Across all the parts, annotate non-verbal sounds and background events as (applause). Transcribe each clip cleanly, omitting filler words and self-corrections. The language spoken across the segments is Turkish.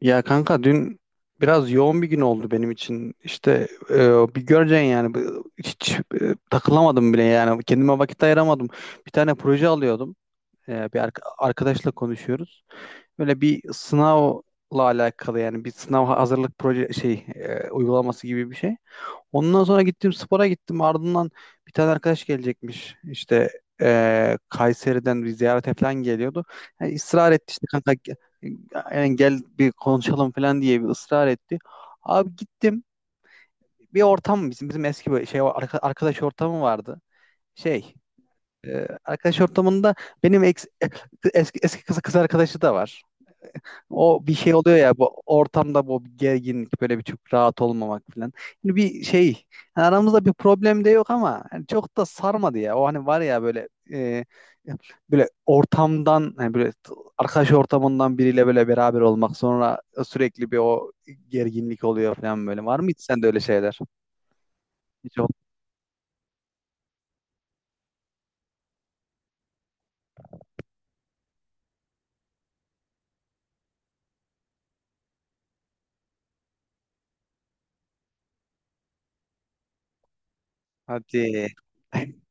Ya kanka dün biraz yoğun bir gün oldu benim için. İşte bir göreceksin yani. Hiç takılamadım bile yani kendime vakit ayıramadım. Bir tane proje alıyordum. Bir arkadaşla konuşuyoruz. Böyle bir sınavla alakalı, yani bir sınav hazırlık proje şey uygulaması gibi bir şey. Ondan sonra gittim, spora gittim. Ardından bir tane arkadaş gelecekmiş. İşte Kayseri'den bir ziyarete falan geliyordu. Yani ısrar etti işte kanka, yani gel bir konuşalım falan diye bir ısrar etti. Abi gittim, bir ortam, bizim eski böyle şey arkadaş ortamı vardı. Şey, arkadaş ortamında benim eski kız arkadaşı da var. O bir şey oluyor ya bu ortamda, bu bir gerginlik, böyle bir çok rahat olmamak falan. Hani bir şey, yani aramızda bir problem de yok, ama hani çok da sarmadı ya. O hani var ya böyle, böyle ortamdan, hani böyle arkadaş ortamından biriyle böyle beraber olmak, sonra sürekli bir o gerginlik oluyor falan böyle. Var mı hiç sende öyle şeyler? Hiç hadi. (laughs)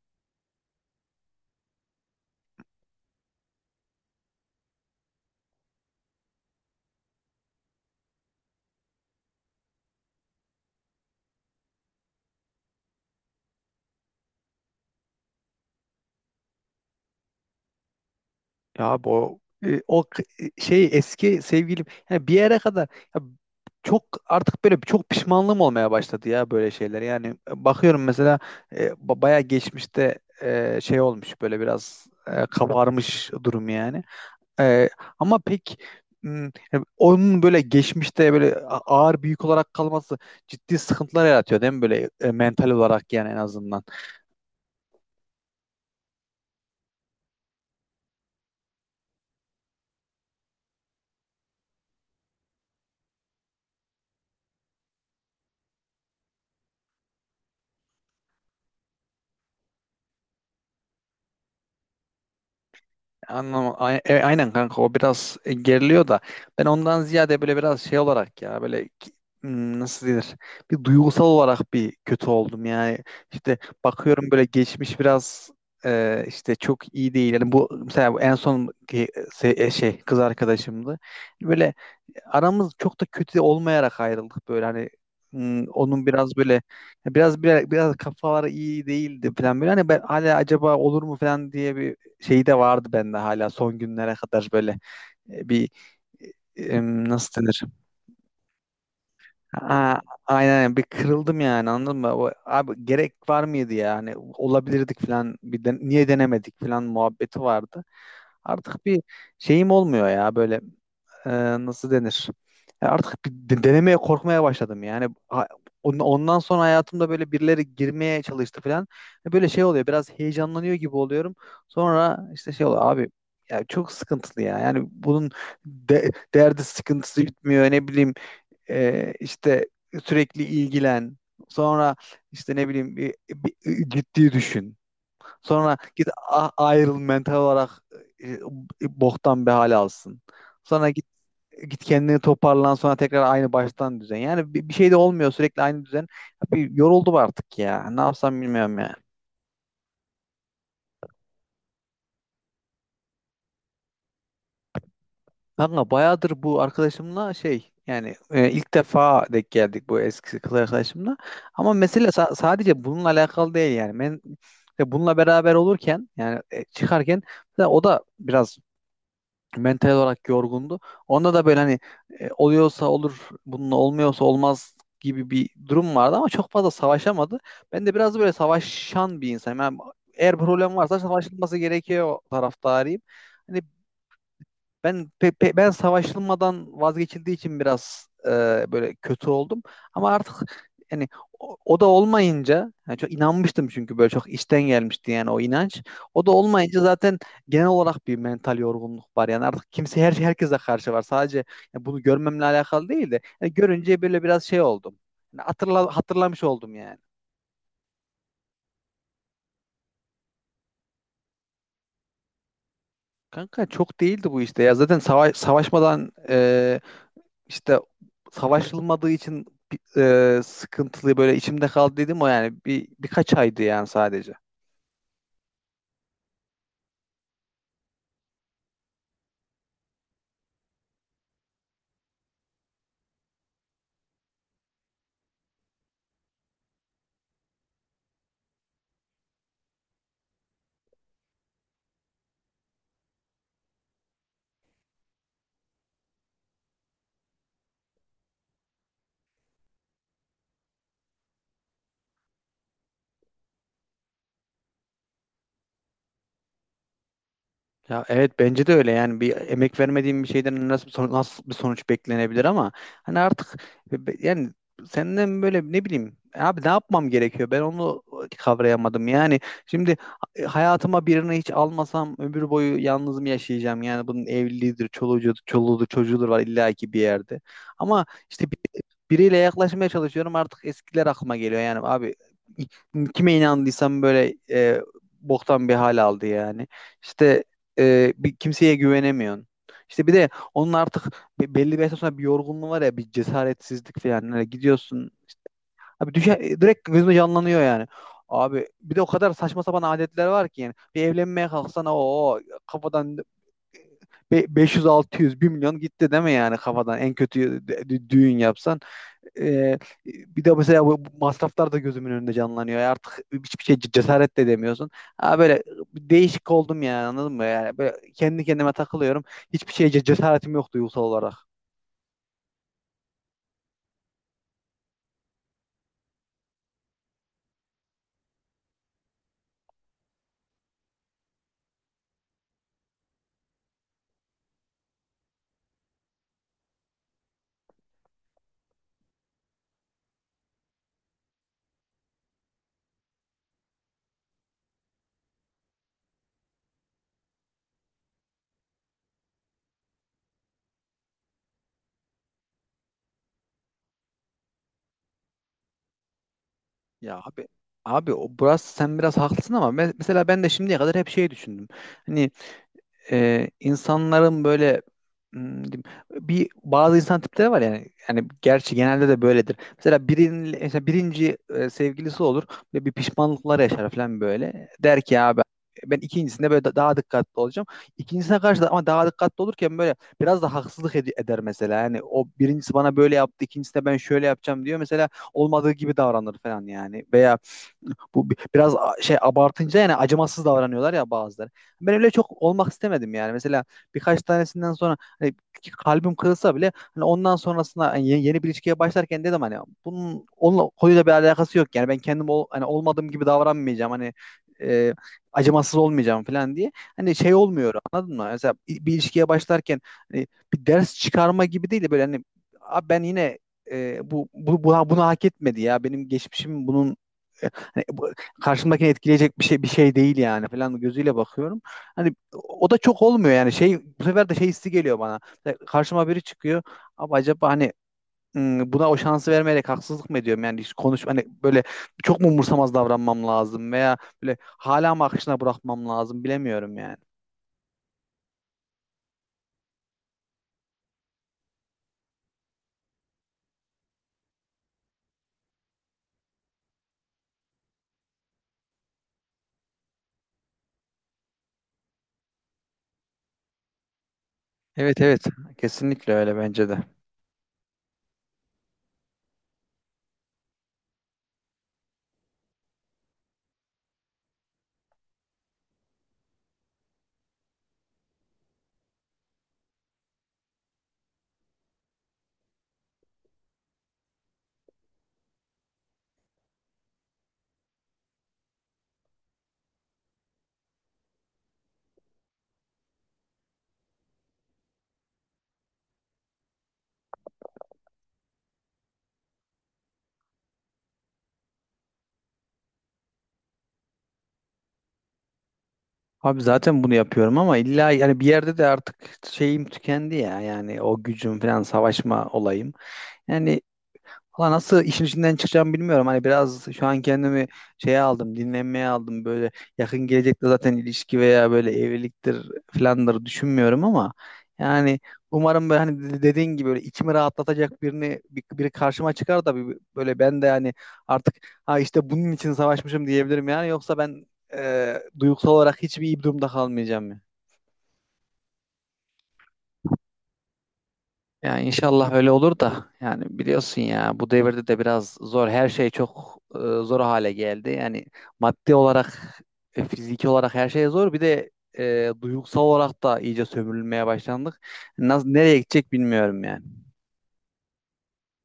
Ya bu, o, şey, eski sevgilim yani bir yere kadar ya, çok artık böyle çok pişmanlığım olmaya başladı ya böyle şeyler. Yani bakıyorum mesela, bayağı geçmişte şey olmuş, böyle biraz kabarmış durum yani. E, ama pek, yani onun böyle geçmişte böyle ağır büyük olarak kalması ciddi sıkıntılar yaratıyor değil mi, böyle mental olarak, yani en azından. Aynen kanka, o biraz geriliyor da, ben ondan ziyade böyle biraz şey olarak ya, böyle nasıl denir, bir duygusal olarak bir kötü oldum yani. İşte bakıyorum böyle geçmiş biraz işte çok iyi değil yani. Bu mesela, bu en son şey kız arkadaşımdı. Böyle aramız çok da kötü olmayarak ayrıldık, böyle hani, onun biraz böyle, biraz kafaları iyi değildi falan böyle. Hani ben hala acaba olur mu falan diye bir şeyi de vardı bende, hala son günlere kadar böyle bir nasıl denir? Aa, aynen, bir kırıldım yani, anladın mı? O, abi gerek var mıydı yani? Olabilirdik falan. Bir de niye denemedik falan muhabbeti vardı. Artık bir şeyim olmuyor ya böyle, e, nasıl denir? Ya artık bir denemeye korkmaya başladım. Yani ondan sonra hayatımda böyle birileri girmeye çalıştı falan. Böyle şey oluyor. Biraz heyecanlanıyor gibi oluyorum. Sonra işte şey oluyor abi, ya çok sıkıntılı ya. Yani bunun derdi sıkıntısı bitmiyor. Ne bileyim, işte sürekli ilgilen. Sonra işte ne bileyim, ciddi düşün. Sonra git ayrıl, mental olarak e, boktan bir hale alsın. Sonra git git kendini toparlan, sonra tekrar aynı baştan düzen. Yani bir şey de olmuyor, sürekli aynı düzen. Bir yoruldum artık ya. Ne yapsam bilmiyorum yani. Kanka bayağıdır bu arkadaşımla şey, yani ilk defa denk geldik bu eski kız arkadaşımla. Ama mesele sadece bununla alakalı değil yani. Ben işte bununla beraber olurken, yani çıkarken, mesela o da biraz mental olarak yorgundu. Onda da böyle hani, oluyorsa olur, bunun olmuyorsa olmaz gibi bir durum vardı ama çok fazla savaşamadı. Ben de biraz da böyle savaşan bir insanım. Yani eğer problem varsa savaşılması gerekiyor taraftarıyım. Hani ben ben savaşılmadan vazgeçildiği için biraz böyle kötü oldum. Ama artık yani o da olmayınca, yani çok inanmıştım, çünkü böyle çok içten gelmişti yani o inanç. O da olmayınca zaten genel olarak bir mental yorgunluk var. Yani artık kimse, herkese karşı var. Sadece yani bunu görmemle alakalı değil de, yani görünce böyle biraz şey oldum. Yani hatırlamış oldum yani. Kanka çok değildi bu işte ya. Zaten savaşmadan, işte savaşılmadığı için sıkıntılı böyle içimde kaldı dedim o, yani birkaç aydı yani sadece. Ya evet, bence de öyle yani. Bir emek vermediğim bir şeyden nasıl bir sonuç beklenebilir, ama hani artık yani senden böyle ne bileyim abi, ne yapmam gerekiyor, ben onu kavrayamadım yani. Şimdi hayatıma birini hiç almasam ömür boyu yalnız mı yaşayacağım? Yani bunun evliliğidir, çoluğudur çocuğudur var, illa ki bir yerde. Ama işte biriyle yaklaşmaya çalışıyorum, artık eskiler aklıma geliyor yani. Abi kime inandıysam böyle boktan bir hal aldı yani. İşte bir kimseye güvenemiyorsun. İşte bir de onun artık, belli bir yaştan sonra bir yorgunluğu var ya, bir cesaretsizlik falan. Hani gidiyorsun abi, düşe, direkt gözüme canlanıyor yani. Abi bir de o kadar saçma sapan adetler var ki, yani bir evlenmeye kalksana, o kafadan 500 600 bir milyon gitti değil mi yani, kafadan en kötü düğün yapsan. ee, Bir de mesela bu masraflar da gözümün önünde canlanıyor. Ya artık hiçbir şey cesaret de edemiyorsun. Ha böyle bir değişik oldum yani, anladın mı? Yani böyle kendi kendime takılıyorum. Hiçbir şeye cesaretim yok, duygusal olarak. Ya abi, o burası sen biraz haklısın, ama mesela ben de şimdiye kadar hep şey düşündüm. Hani insanların böyle, diyeyim, bir bazı insan tipleri var Yani gerçi genelde de böyledir. Mesela birinin, mesela birinci sevgilisi olur ve bir pişmanlıklar yaşar falan böyle. Der ki abi, ben ikincisinde böyle daha dikkatli olacağım. İkincisine karşı da ama daha dikkatli olurken böyle biraz da haksızlık eder mesela. Yani o birincisi bana böyle yaptı, ikincisine ben şöyle yapacağım diyor. Mesela olmadığı gibi davranır falan yani. Veya bu biraz şey abartınca, yani acımasız davranıyorlar ya bazıları. Ben öyle çok olmak istemedim yani. Mesela birkaç tanesinden sonra, hani kalbim kırılsa bile, hani ondan sonrasında hani yeni bir ilişkiye başlarken dedim hani bunun onunla konuyla bir alakası yok yani. Ben kendim hani olmadığım gibi davranmayacağım, hani e, acımasız olmayacağım falan diye. Hani şey olmuyor, anladın mı? Mesela bir ilişkiye başlarken, hani bir ders çıkarma gibi değil de böyle, hani "Abi ben yine bunu hak etmedi ya, benim geçmişim bunun e, hani karşımdakini etkileyecek bir şey değil yani" falan gözüyle bakıyorum. Hani o da çok olmuyor yani, şey, bu sefer de şey hissi geliyor bana. Mesela karşıma biri çıkıyor. Abi acaba hani, buna o şansı vermeyerek haksızlık mı ediyorum? Yani hiç konuş, hani böyle çok mu umursamaz davranmam lazım, veya böyle hala mı akışına bırakmam lazım, bilemiyorum yani. Evet, evet, kesinlikle öyle bence de. Abi zaten bunu yapıyorum, ama illa yani bir yerde de artık şeyim tükendi ya, yani o gücüm falan, savaşma olayım. Yani valla nasıl işin içinden çıkacağımı bilmiyorum. Hani biraz şu an kendimi şeye aldım, dinlenmeye aldım. Böyle yakın gelecekte zaten ilişki veya böyle evliliktir filanları düşünmüyorum, ama yani umarım böyle hani dediğin gibi böyle içimi rahatlatacak birini, biri karşıma çıkar da, böyle ben de yani artık ha, işte bunun için savaşmışım diyebilirim. Yani yoksa ben duygusal olarak hiçbir iyi bir durumda kalmayacağım. Yani inşallah öyle olur da. Yani biliyorsun ya, bu devirde de biraz zor, her şey çok zor hale geldi. Yani maddi olarak, fiziki olarak her şey zor. Bir de duygusal olarak da iyice sömürülmeye başlandık. Nereye gidecek bilmiyorum yani.